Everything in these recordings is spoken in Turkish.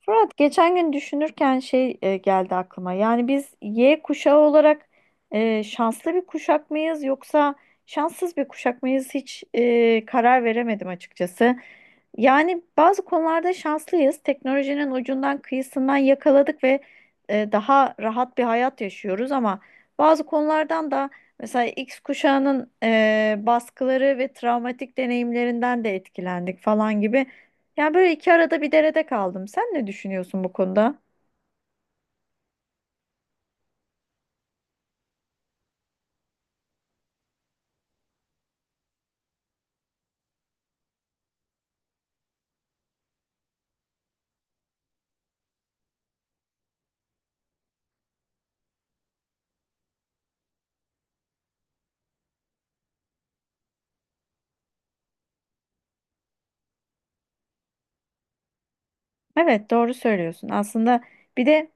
Fırat geçen gün düşünürken geldi aklıma. Yani biz Y kuşağı olarak şanslı bir kuşak mıyız yoksa şanssız bir kuşak mıyız hiç karar veremedim açıkçası. Yani bazı konularda şanslıyız. Teknolojinin ucundan kıyısından yakaladık ve daha rahat bir hayat yaşıyoruz ama bazı konulardan da mesela X kuşağının baskıları ve travmatik deneyimlerinden de etkilendik falan gibi. Yani böyle iki arada bir derede kaldım. Sen ne düşünüyorsun bu konuda? Evet, doğru söylüyorsun. Aslında bir de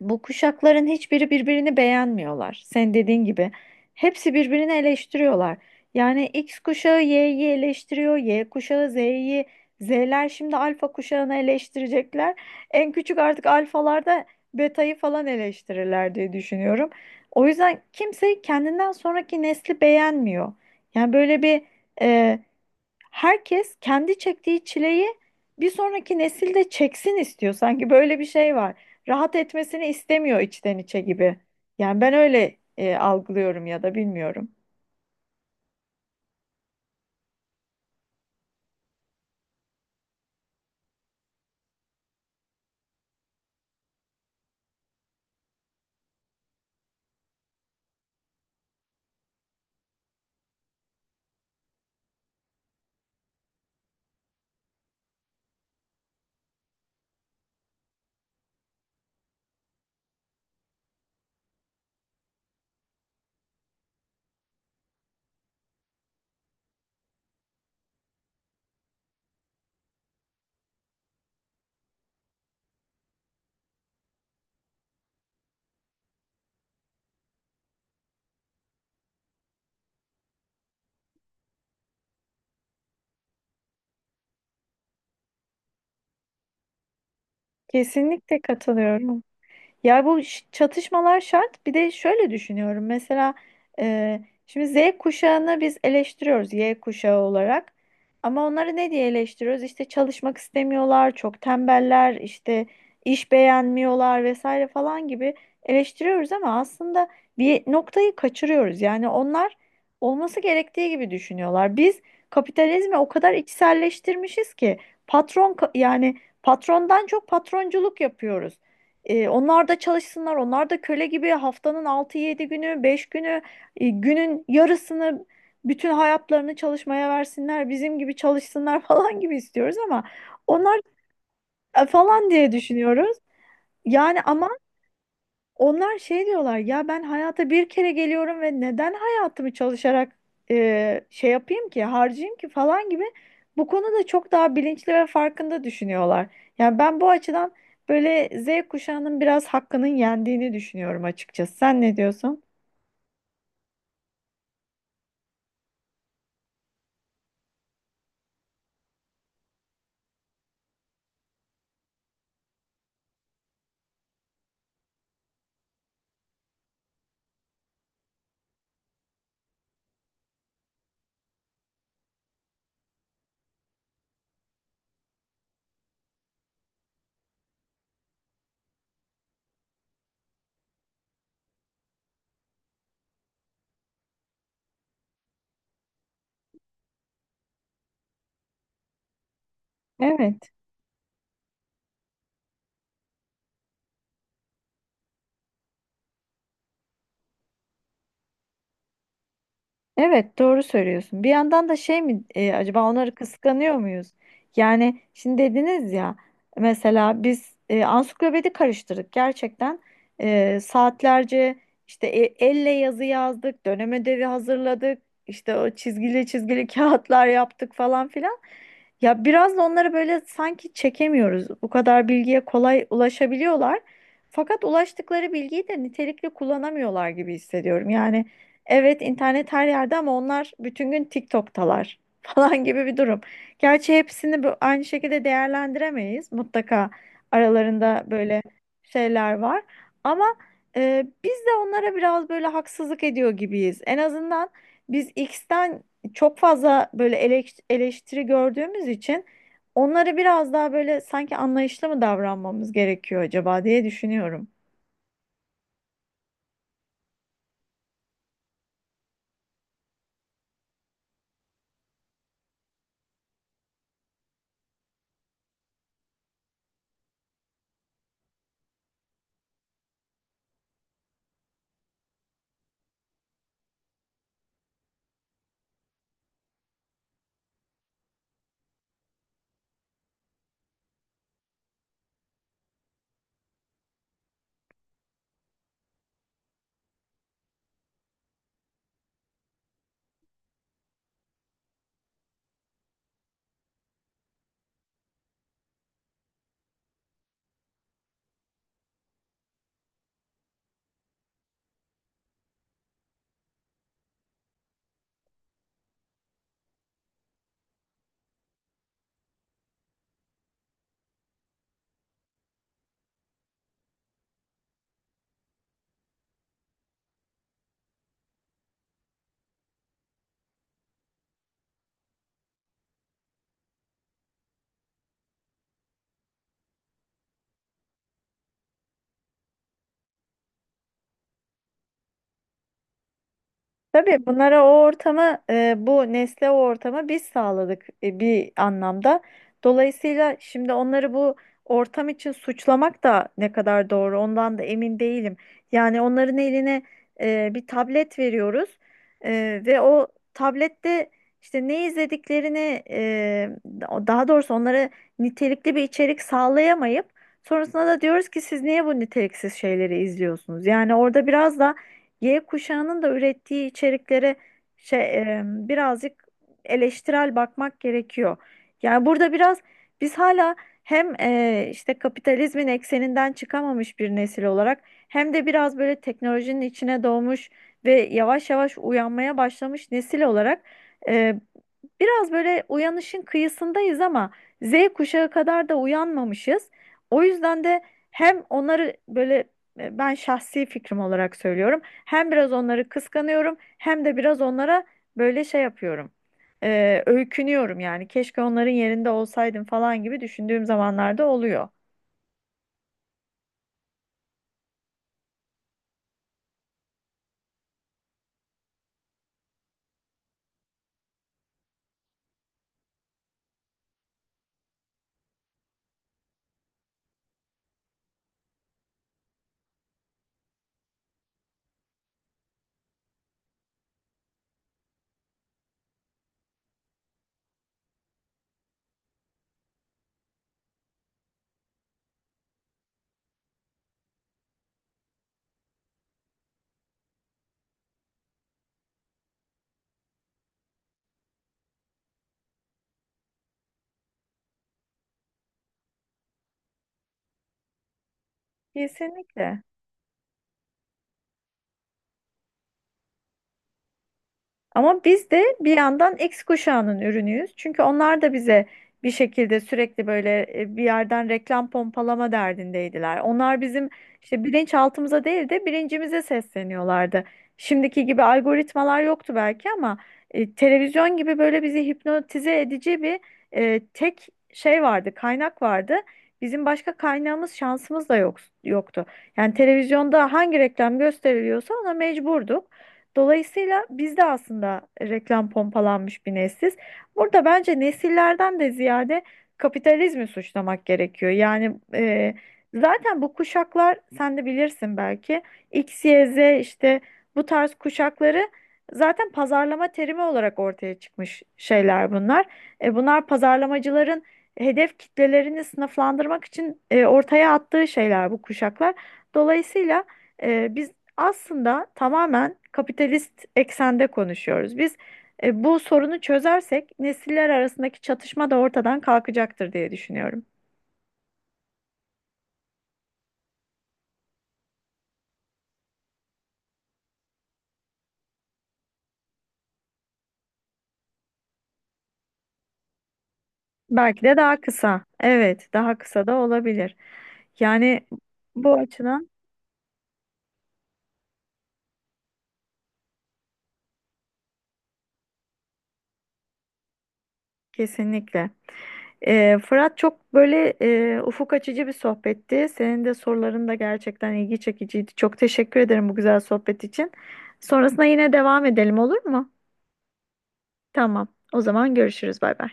bu kuşakların hiçbiri birbirini beğenmiyorlar. Sen dediğin gibi hepsi birbirini eleştiriyorlar. Yani X kuşağı Y'yi eleştiriyor, Y kuşağı Z'yi, Z'ler şimdi alfa kuşağını eleştirecekler. En küçük artık alfalarda betayı falan eleştirirler diye düşünüyorum. O yüzden kimse kendinden sonraki nesli beğenmiyor. Yani böyle bir herkes kendi çektiği çileyi bir sonraki nesil de çeksin istiyor. Sanki böyle bir şey var. Rahat etmesini istemiyor içten içe gibi. Yani ben öyle algılıyorum ya da bilmiyorum. Kesinlikle katılıyorum. Ya bu çatışmalar şart. Bir de şöyle düşünüyorum. Mesela e, şimdi Z kuşağını biz eleştiriyoruz Y kuşağı olarak. Ama onları ne diye eleştiriyoruz? İşte çalışmak istemiyorlar, çok tembeller, işte iş beğenmiyorlar vesaire falan gibi eleştiriyoruz ama aslında bir noktayı kaçırıyoruz. Yani onlar olması gerektiği gibi düşünüyorlar. Biz kapitalizmi o kadar içselleştirmişiz ki yani patrondan çok patronculuk yapıyoruz. E, onlar da çalışsınlar. Onlar da köle gibi haftanın altı yedi günü, 5 günü, günün yarısını bütün hayatlarını çalışmaya versinler. Bizim gibi çalışsınlar falan gibi istiyoruz ama onlar falan diye düşünüyoruz. Yani ama onlar şey diyorlar ya ben hayata bir kere geliyorum ve neden hayatımı çalışarak yapayım ki harcayayım ki falan gibi bu konuda çok daha bilinçli ve farkında düşünüyorlar. Yani ben bu açıdan böyle Z kuşağının biraz hakkının yendiğini düşünüyorum açıkçası. Sen ne diyorsun? Evet. Evet, doğru söylüyorsun. Bir yandan da şey mi acaba onları kıskanıyor muyuz? Yani şimdi dediniz ya mesela biz ansiklopedi karıştırdık gerçekten. E, saatlerce işte elle yazı yazdık, dönem ödevi hazırladık, işte o çizgili çizgili kağıtlar yaptık falan filan. Ya biraz da onları böyle sanki çekemiyoruz. Bu kadar bilgiye kolay ulaşabiliyorlar. Fakat ulaştıkları bilgiyi de nitelikli kullanamıyorlar gibi hissediyorum. Yani evet, internet her yerde ama onlar bütün gün TikTok'talar falan gibi bir durum. Gerçi hepsini aynı şekilde değerlendiremeyiz. Mutlaka aralarında böyle şeyler var. Ama biz de onlara biraz böyle haksızlık ediyor gibiyiz. En azından biz X'ten çok fazla böyle eleştiri gördüğümüz için onlara biraz daha böyle sanki anlayışlı mı davranmamız gerekiyor acaba diye düşünüyorum. Tabii bunlara o ortamı, bu nesle o ortamı biz sağladık bir anlamda. Dolayısıyla şimdi onları bu ortam için suçlamak da ne kadar doğru ondan da emin değilim. Yani onların eline bir tablet veriyoruz ve o tablette işte ne izlediklerini, daha doğrusu onlara nitelikli bir içerik sağlayamayıp sonrasında da diyoruz ki siz niye bu niteliksiz şeyleri izliyorsunuz? Yani orada biraz da Y kuşağının da ürettiği içeriklere birazcık eleştirel bakmak gerekiyor. Yani burada biraz biz hala hem işte kapitalizmin ekseninden çıkamamış bir nesil olarak hem de biraz böyle teknolojinin içine doğmuş ve yavaş yavaş uyanmaya başlamış nesil olarak e, biraz böyle uyanışın kıyısındayız ama Z kuşağı kadar da uyanmamışız. O yüzden de hem onları böyle ben şahsi fikrim olarak söylüyorum. Hem biraz onları kıskanıyorum hem de biraz onlara böyle şey yapıyorum. E, öykünüyorum yani. Keşke onların yerinde olsaydım falan gibi düşündüğüm zamanlarda oluyor. Kesinlikle. Ama biz de bir yandan X kuşağının ürünüyüz. Çünkü onlar da bize bir şekilde sürekli böyle bir yerden reklam pompalama derdindeydiler. Onlar bizim işte bilinçaltımıza değil de bilincimize sesleniyorlardı. Şimdiki gibi algoritmalar yoktu belki ama televizyon gibi böyle bizi hipnotize edici bir tek şey vardı, kaynak vardı. Bizim başka kaynağımız, şansımız da yok, yoktu. Yani televizyonda hangi reklam gösteriliyorsa ona mecburduk. Dolayısıyla biz de aslında reklam pompalanmış bir nesiliz. Burada bence nesillerden de ziyade kapitalizmi suçlamak gerekiyor. Yani zaten bu kuşaklar sen de bilirsin belki X, Y, Z işte bu tarz kuşakları zaten pazarlama terimi olarak ortaya çıkmış şeyler bunlar. E, bunlar pazarlamacıların hedef kitlelerini sınıflandırmak için ortaya attığı şeyler bu kuşaklar. Dolayısıyla... biz aslında tamamen kapitalist eksende konuşuyoruz. Biz bu sorunu çözersek nesiller arasındaki çatışma da ortadan kalkacaktır diye düşünüyorum. Belki de daha kısa. Evet, daha kısa da olabilir. Yani bu açıdan kesinlikle. E, Fırat çok böyle ufuk açıcı bir sohbetti. Senin de soruların da gerçekten ilgi çekiciydi. Çok teşekkür ederim bu güzel sohbet için. Sonrasında yine devam edelim olur mu? Tamam. O zaman görüşürüz. Bay bay.